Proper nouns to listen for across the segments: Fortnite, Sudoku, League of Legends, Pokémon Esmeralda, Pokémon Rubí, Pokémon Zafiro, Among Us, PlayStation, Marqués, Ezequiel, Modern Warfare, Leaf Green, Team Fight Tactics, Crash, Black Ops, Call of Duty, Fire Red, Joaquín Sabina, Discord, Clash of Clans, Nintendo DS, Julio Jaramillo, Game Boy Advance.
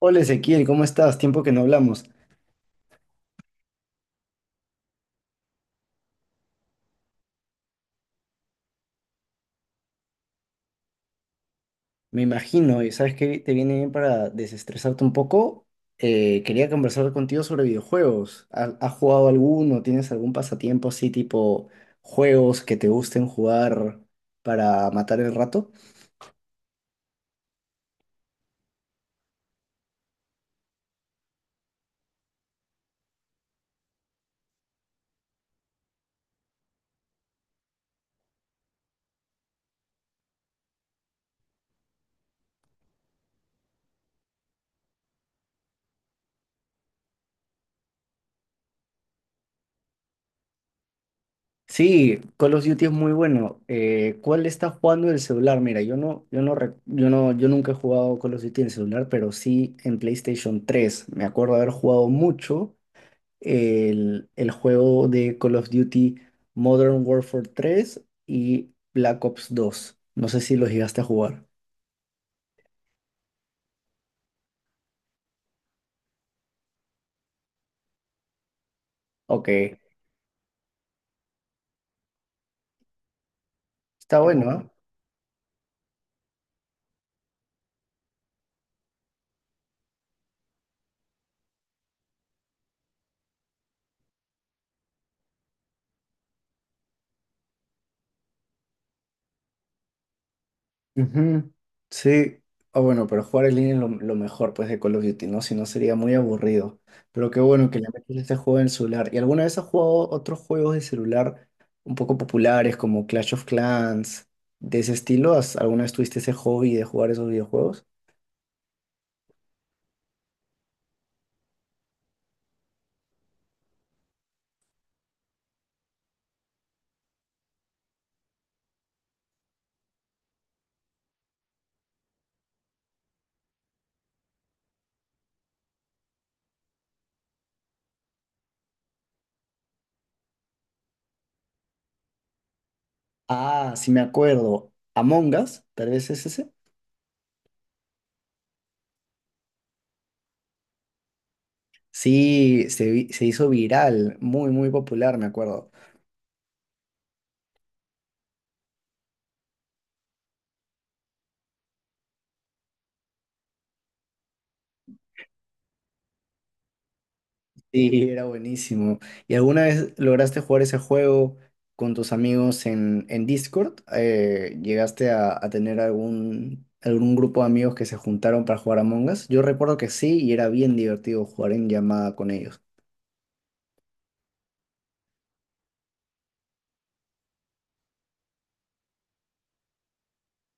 Hola Ezequiel, ¿cómo estás? Tiempo que no hablamos. Me imagino, y sabes que te viene bien para desestresarte un poco. Quería conversar contigo sobre videojuegos. ¿Has jugado alguno? ¿Tienes algún pasatiempo así tipo juegos que te gusten jugar para matar el rato? Sí, Call of Duty es muy bueno. ¿Cuál estás jugando en el celular? Mira, yo no, yo no, rec- yo no, yo nunca he jugado Call of Duty en el celular, pero sí en PlayStation tres. Me acuerdo haber jugado mucho el juego de Call of Duty Modern Warfare tres y Black Ops dos. No sé si los llegaste a jugar. Ok, está bueno, ¿ah? Ujú. Sí, ah, bueno, pero jugar en línea es lo mejor pues de Call of Duty, ¿no? Si no sería muy aburrido. Pero qué bueno que le metes este juego en el celular. ¿Y alguna vez has jugado otros juegos de celular un poco populares como Clash of Clans, de ese estilo? ¿Has- alguna vez tuviste ese hobby de jugar esos videojuegos? Ah, sí me acuerdo. Among Us, tal vez es ese. Se hizo viral, muy, muy popular, me acuerdo. Sí, era buenísimo. ¿Y alguna vez lograste jugar ese juego con tus amigos en Discord? ¿Llegaste a tener algún, algún grupo de amigos que se juntaron para jugar Among Us? Yo recuerdo que sí, y era bien divertido jugar en llamada con ellos.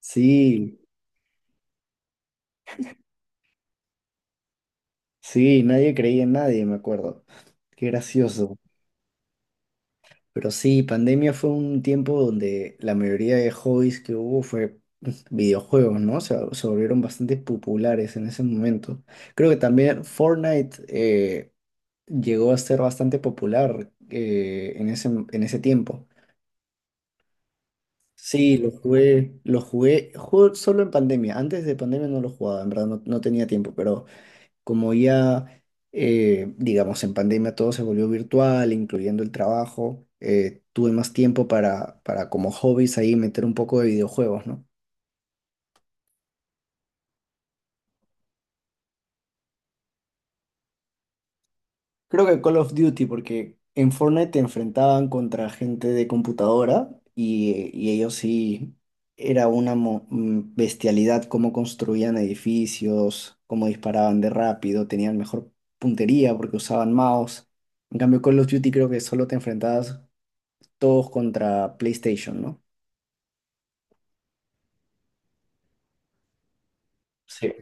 Sí, sí, nadie creía en nadie, me acuerdo. Qué gracioso. Pero sí, pandemia fue un tiempo donde la mayoría de hobbies que hubo fue videojuegos, ¿no? Se volvieron bastante populares en ese momento. Creo que también Fortnite llegó a ser bastante popular en ese tiempo. Sí, lo jugué, jugué solo en pandemia. Antes de pandemia no lo jugaba, en verdad no, no tenía tiempo, pero como ya, digamos, en pandemia todo se volvió virtual, incluyendo el trabajo. Tuve más tiempo para como hobbies ahí meter un poco de videojuegos, ¿no? Creo que Call of Duty, porque en Fortnite te enfrentaban contra gente de computadora y ellos sí, era una bestialidad cómo construían edificios, cómo disparaban de rápido, tenían mejor puntería porque usaban mouse. En cambio, Call of Duty creo que solo te enfrentabas todos contra PlayStation, ¿no? Sí.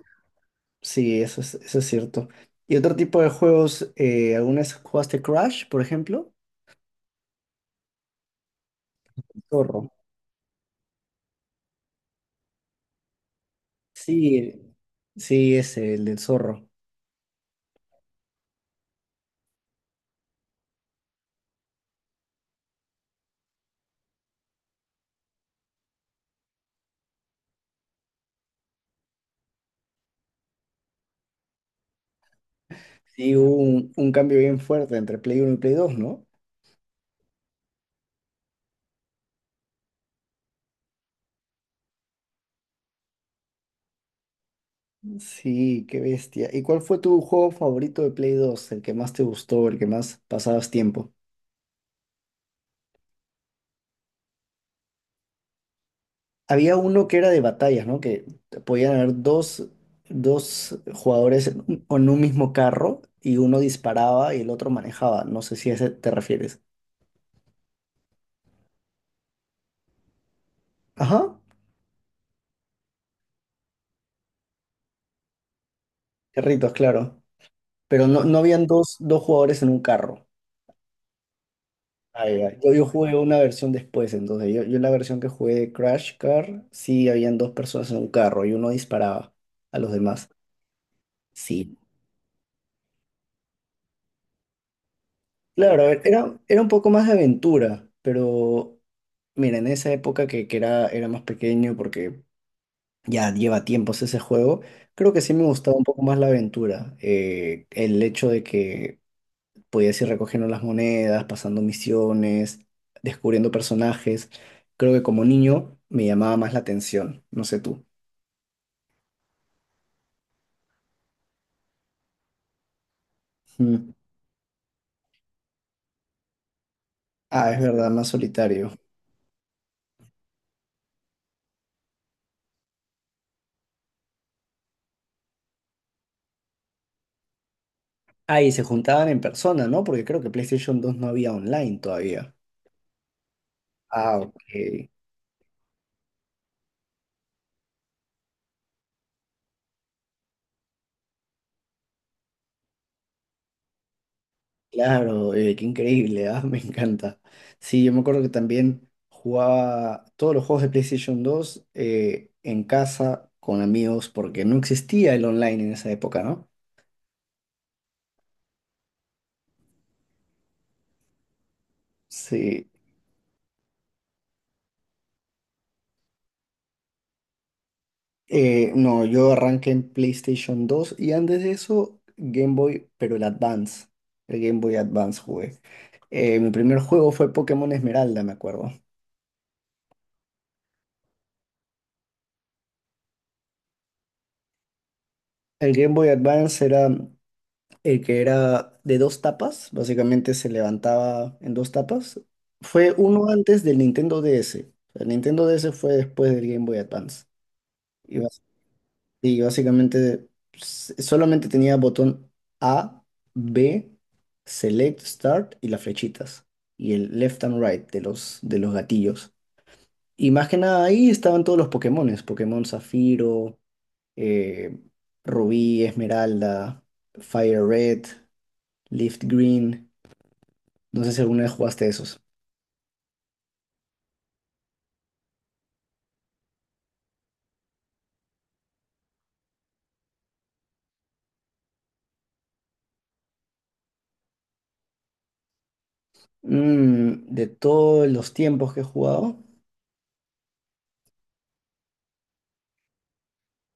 Sí, eso es cierto. Y otro tipo de juegos, ¿alguna vez jugaste Crash, por ejemplo? Zorro. Sí, sí, es el del zorro. Sí, hubo un cambio bien fuerte entre Play Uno y Play 2, ¿no? Sí, qué bestia. ¿Y cuál fue tu juego favorito de Play Dos? El que más te gustó, el que más pasabas tiempo. Había uno que era de batallas, ¿no? Que podían haber dos jugadores en un mismo carro y uno disparaba y el otro manejaba. No sé si a ese te refieres. Ajá, carritos, claro. Pero no, no habían dos jugadores en un carro. Ay, ay. Yo jugué una versión después, entonces yo la versión que jugué de Crash Car, sí habían dos personas en un carro y uno disparaba a los demás. Sí, claro, era, era un poco más de aventura, pero mira, en esa época que era, era más pequeño, porque ya lleva tiempos ese juego, creo que sí me gustaba un poco más la aventura. El hecho de que podías ir recogiendo las monedas, pasando misiones, descubriendo personajes, creo que como niño me llamaba más la atención, no sé tú. Mm. Ah, es verdad, más solitario. Ah, y se juntaban en persona, ¿no? Porque creo que PlayStation dos no había online todavía. Ah, ok. Claro, qué increíble, ah, me encanta. Sí, yo me acuerdo que también jugaba todos los juegos de PlayStation dos en casa con amigos porque no existía el online en esa época, ¿no? Sí. No, yo arranqué en PlayStation dos y antes de eso Game Boy, pero el Advance, el Game Boy Advance jugué. Mi primer juego fue Pokémon Esmeralda, me acuerdo. El Game Boy Advance era que era de dos tapas, básicamente se levantaba en dos tapas. Fue uno antes del Nintendo DS. El Nintendo DS fue después del Game Boy Advance. Y, y básicamente solamente tenía botón A, B, Select, Start y las flechitas. Y el left and right de los gatillos. Y más que nada ahí estaban todos los Pokémones. Pokémon Zafiro, eh, Rubí, Esmeralda, Fire Red, Leaf Green. No sé si alguna vez jugaste esos. Mm, de todos los tiempos que he jugado,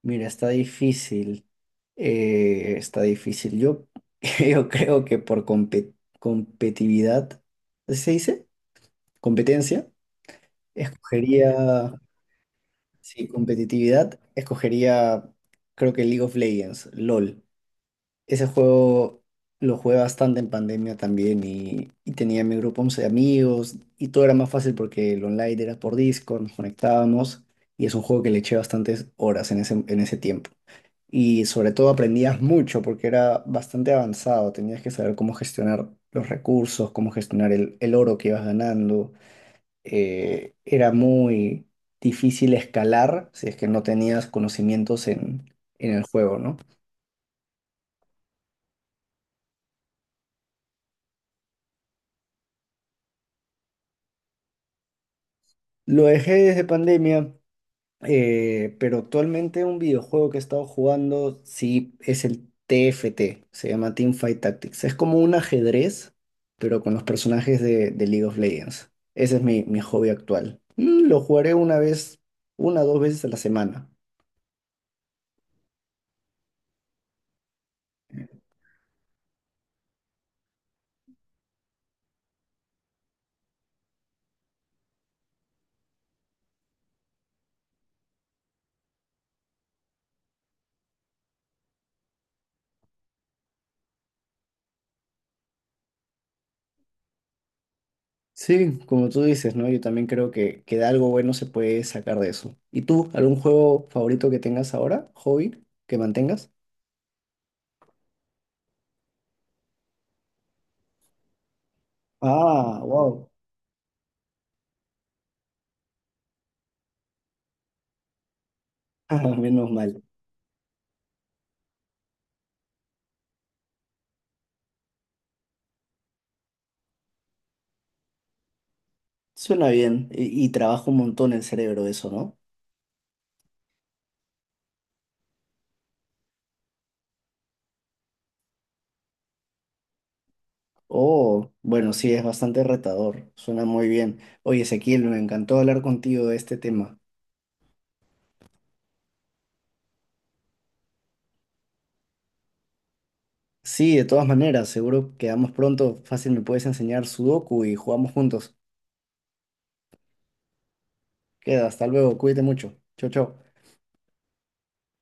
mira, está difícil. Está difícil. Yo, yo creo que por competitividad, ¿así ¿se dice? Competencia, escogería, sí, competitividad, escogería, creo que League of Legends, LOL. Ese juego lo jugué bastante en pandemia también y tenía mi grupo 11 de amigos y todo era más fácil porque el online era por Discord, nos conectábamos y es un juego que le eché bastantes horas en ese tiempo. Y sobre todo aprendías mucho porque era bastante avanzado, tenías que saber cómo gestionar los recursos, cómo gestionar el oro que ibas ganando. Era muy difícil escalar si es que no tenías conocimientos en el juego, ¿no? Lo dejé desde pandemia. Pero actualmente un videojuego que he estado jugando, sí, es el TFT, se llama Team Fight Tactics. Es como un ajedrez, pero con los personajes de League of Legends. Ese es mi, mi hobby actual. Mm, lo jugaré una vez, una o dos veces a la semana. Sí, como tú dices, ¿no? Yo también creo que de algo bueno se puede sacar de eso. ¿Y tú, algún juego favorito que tengas ahora? ¿Hobby que mantengas? Ah, wow. Menos mal. Suena bien y trabaja un montón el cerebro eso, ¿no? Oh, bueno, sí, es bastante retador, suena muy bien. Oye, Ezequiel, me encantó hablar contigo de este tema. Sí, de todas maneras, seguro quedamos pronto, fácil me puedes enseñar Sudoku y jugamos juntos. Queda, hasta luego, cuídate mucho. Chau, chau.